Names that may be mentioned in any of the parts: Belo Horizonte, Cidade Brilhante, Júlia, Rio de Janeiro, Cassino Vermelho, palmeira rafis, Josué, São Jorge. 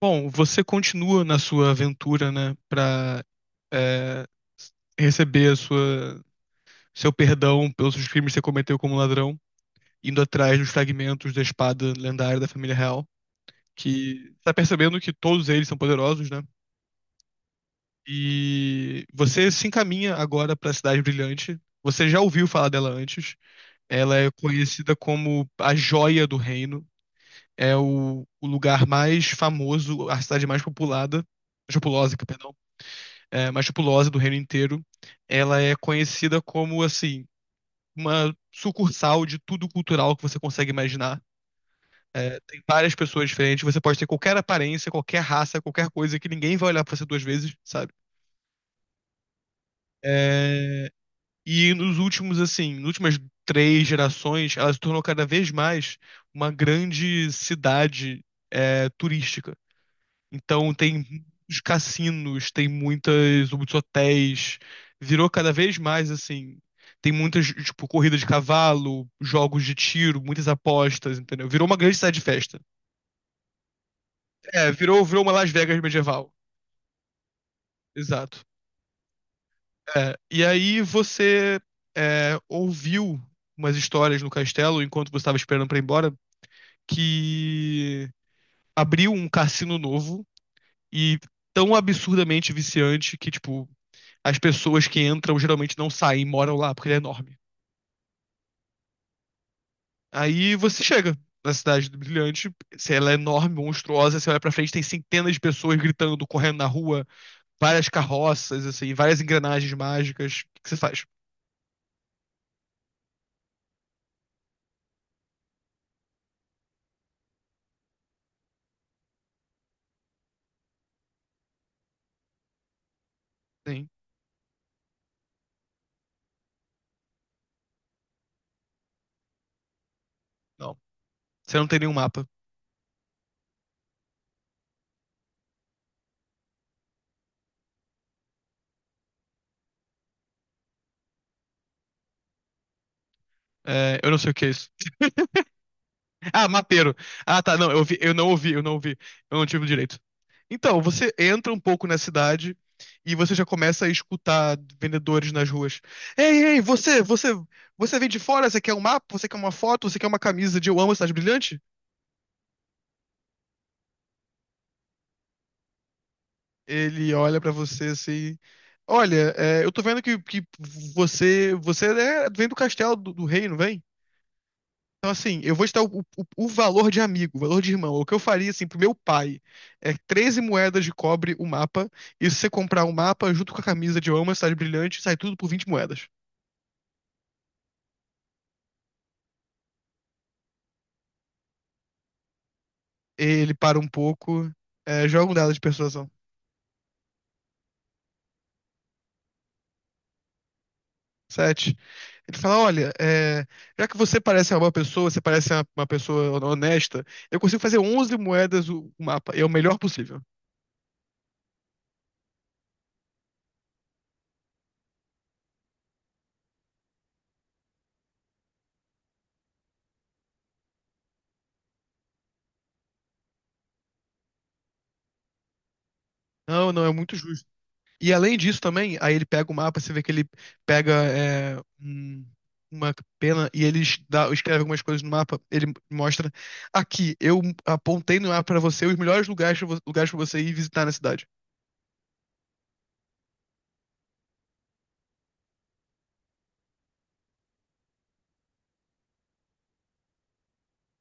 Bom, você continua na sua aventura, né, pra é, receber a sua, seu perdão pelos seus crimes que você cometeu como ladrão, indo atrás dos fragmentos da espada lendária da família real, que tá percebendo que todos eles são poderosos, né? E você se encaminha agora pra Cidade Brilhante. Você já ouviu falar dela antes. Ela é conhecida como a Joia do Reino. É o lugar mais famoso, a cidade mais populada, populosa, perdão, mas tipulose do reino inteiro. Ela é conhecida como, assim, uma sucursal de tudo cultural que você consegue imaginar. Tem várias pessoas diferentes, você pode ter qualquer aparência, qualquer raça, qualquer coisa que ninguém vai olhar pra você duas vezes, sabe? É, e nos últimos, assim, nas últimas 3 gerações, ela se tornou cada vez mais uma grande cidade, turística. Então tem os cassinos, tem muitas, muitos hotéis. Virou cada vez mais assim. Tem muitas, tipo, corrida de cavalo, jogos de tiro, muitas apostas, entendeu? Virou uma grande cidade de festa. É, virou, virou uma Las Vegas medieval. Exato. É, e aí você ouviu umas histórias no castelo, enquanto você estava esperando pra ir embora, que abriu um cassino novo e tão absurdamente viciante que, tipo, as pessoas que entram geralmente não saem e moram lá, porque ele é enorme. Aí você chega na cidade do Brilhante, se ela é enorme, monstruosa, você olha pra frente, tem centenas de pessoas gritando, correndo na rua, várias carroças, assim, várias engrenagens mágicas. O que que você faz? Sim. Não. Você não tem nenhum mapa. É, eu não sei o que é isso. Ah, mapeiro. Ah, tá. Não, eu vi, eu não ouvi. Eu não tive direito. Então, você entra um pouco na cidade e você já começa a escutar vendedores nas ruas. Ei, ei, você vem de fora? Você quer um mapa? Você quer uma foto? Você quer uma camisa de Eu Amo a Cidade Brilhante? Ele olha pra você assim. Olha, eu tô vendo que você vem do castelo do rei, não vem? Então, assim, eu vou te dar o o- valor de amigo, o valor de irmão. O que eu faria, assim, pro meu pai é 13 moedas de cobre o mapa. E se você comprar o mapa junto com a camisa de Eu Amo a Cidade Brilhante, sai tudo por 20 moedas. Ele para um pouco, joga um dado de persuasão. Sete. Ele fala: olha, já que você parece uma boa pessoa, você parece uma pessoa honesta, eu consigo fazer 11 moedas o mapa. E é o melhor possível. Não, não, é muito justo. E além disso também, aí ele pega o mapa, você vê que ele pega, uma pena, e ele escreve algumas coisas no mapa. Ele mostra: aqui, eu apontei no mapa pra você os melhores lugares pra lugares para você ir visitar na cidade.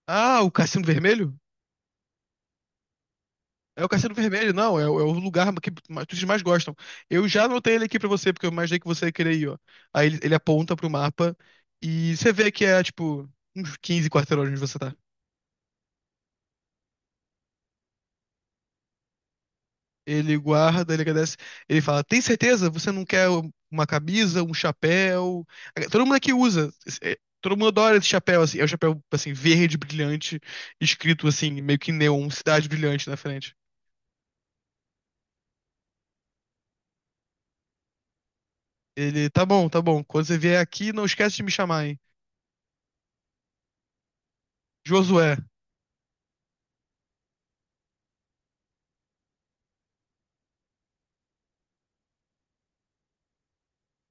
Ah, o Cassino Vermelho? É o Cassino Vermelho. Não, é o lugar que que vocês mais gostam. Eu já anotei ele aqui pra você, porque eu imaginei que você ia querer ir, ó. Aí ele, aponta pro mapa e você vê que é, tipo, uns 15 quarteirões onde você tá. Ele guarda, ele agradece. Ele fala: tem certeza? Você não quer uma camisa, um chapéu? Todo mundo aqui usa. Todo mundo adora esse chapéu, assim. É um chapéu, assim, verde, brilhante, escrito, assim, meio que neon, Cidade Brilhante na frente. Ele, tá bom, tá bom. Quando você vier aqui, não esquece de me chamar, hein? Josué,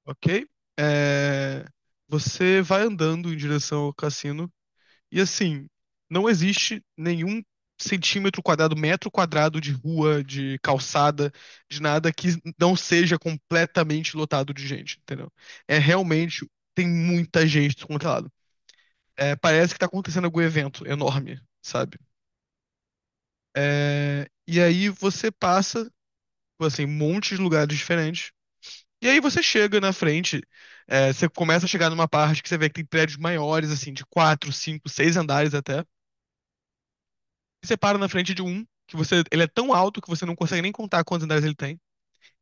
ok? É, Você vai andando em direção ao cassino. E assim, não existe nenhum centímetro quadrado, metro quadrado de rua, de calçada, de nada que não seja completamente lotado de gente, entendeu? É realmente, tem muita gente descontrolada. É, parece que tá acontecendo algum evento enorme, sabe? É, e aí você passa, assim, um monte de lugares diferentes. E aí você chega na frente. Você começa a chegar numa parte que você vê que tem prédios maiores, assim, de quatro, cinco, seis andares até. Você para na frente de um que você, ele é tão alto que você não consegue nem contar quantos andares ele tem.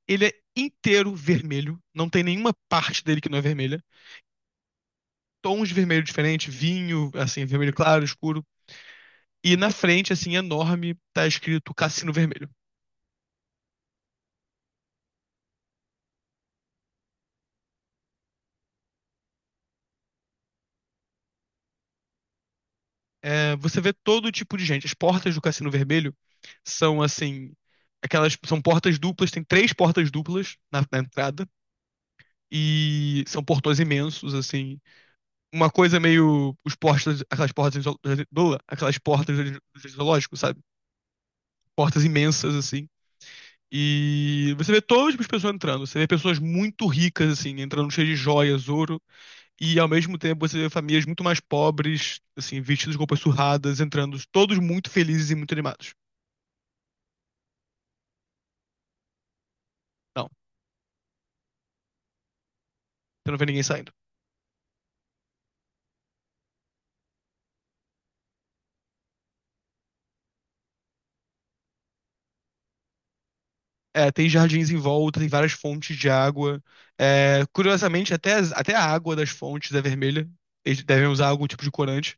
Ele é inteiro vermelho, não tem nenhuma parte dele que não é vermelha. Tons de vermelho diferente, vinho, assim, vermelho claro, escuro. E na frente, assim, enorme, tá escrito Cassino Vermelho. É, você vê todo tipo de gente. As portas do Cassino Vermelho são, assim, aquelas, são portas duplas, tem 3 portas duplas na entrada. E são portões imensos, assim, uma coisa meio os portas, aquelas portas, aquelas portas do zoológico, sabe? Portas imensas assim. E você vê todo tipo de pessoa entrando. Você vê pessoas muito ricas assim, entrando cheias de joias, ouro, e ao mesmo tempo você vê famílias muito mais pobres, assim, vestidas com roupas surradas, entrando todos muito felizes e muito animados. Não, você não vê ninguém saindo. É, tem jardins em volta, tem várias fontes de água. É, curiosamente, até até a água das fontes é vermelha. Eles devem usar algum tipo de corante.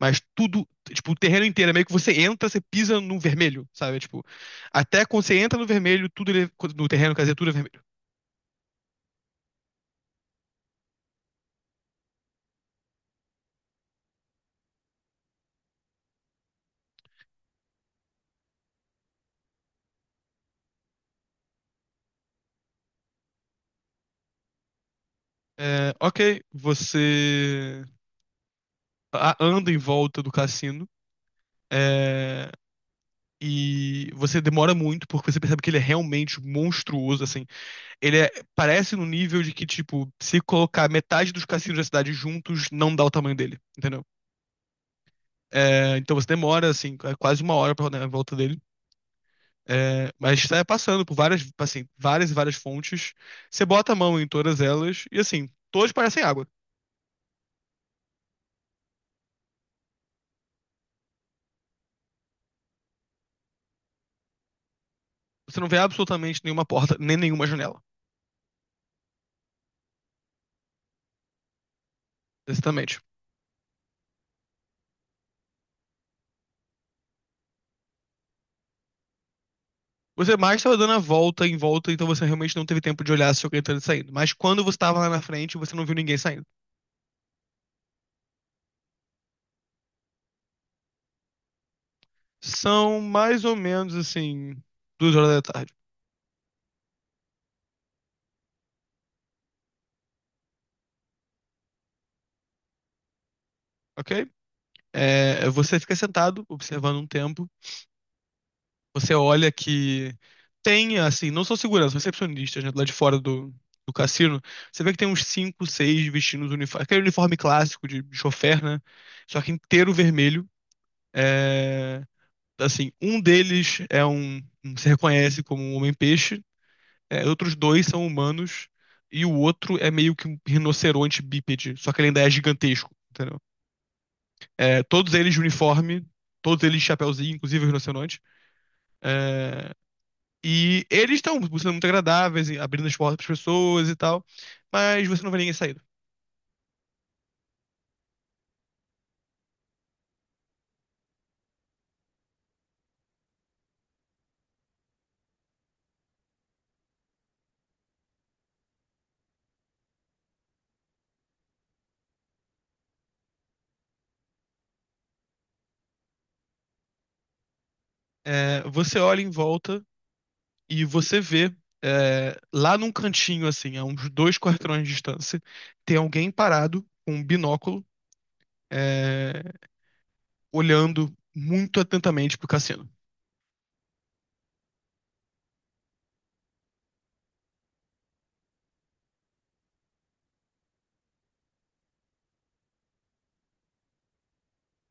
Mas tudo, tipo, o terreno inteiro, é meio que você entra, você pisa no vermelho, sabe? Tipo, até quando você entra no vermelho, tudo no terreno, quer dizer, tudo é vermelho. É, ok, você anda em volta do cassino. é, e você demora muito, porque você percebe que ele é realmente monstruoso, assim. Ele é- parece no nível de que, tipo, se colocar metade dos cassinos da cidade juntos, não dá o tamanho dele, entendeu? Então você demora, assim, quase 1 hora pra rodar em volta dele. Mas você vai passando por várias, assim, várias e várias fontes. Você bota a mão em todas elas e, assim, todas parecem água. Você não vê absolutamente nenhuma porta, nem nenhuma janela, exatamente. Você mais estava dando a volta em volta, então você realmente não teve tempo de olhar se alguém estava saindo. Mas quando você estava lá na frente, você não viu ninguém saindo. São mais ou menos, assim, 2h da tarde. Ok? Você fica sentado, observando um tempo. Você olha que tem, assim, não são seguranças, recepcionistas, né, lá de fora do cassino. Você vê que tem uns cinco, seis vestindo os uniformes. Aquele uniforme clássico de chofer, né? Só que inteiro vermelho. É, assim, um deles se reconhece como um homem-peixe. Outros dois são humanos. E o outro é meio que um rinoceronte bípede, só que ele ainda é gigantesco, entendeu? É, todos eles de uniforme, todos eles de chapéuzinho, inclusive os rinocerontes. É, e eles estão sendo muito agradáveis, abrindo as portas para as pessoas e tal, mas você não vê ninguém saindo. É, você olha em volta e você vê lá num cantinho, assim, a uns 2 quarteirões de distância, tem alguém parado com um binóculo, é, olhando muito atentamente pro cassino.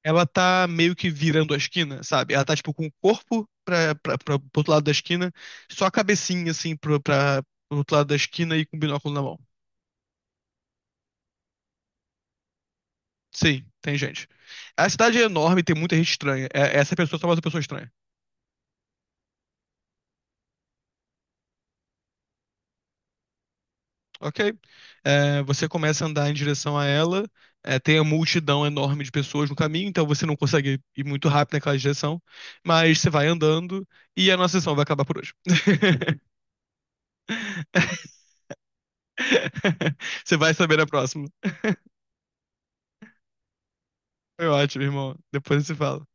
Ela tá meio que virando a esquina, sabe? Ela tá, tipo, com o corpo pro outro lado da esquina, só a cabecinha, assim, pro outro lado da esquina e com o binóculo na mão. Sim, tem gente. A cidade é enorme, tem muita gente estranha. É, essa pessoa é só mais uma pessoa estranha. Ok? É, você começa a andar em direção a ela, tem a multidão enorme de pessoas no caminho, então você não consegue ir muito rápido naquela direção, mas você vai andando e a nossa sessão vai acabar por hoje. Você vai saber na próxima. Foi ótimo, irmão. Depois se fala.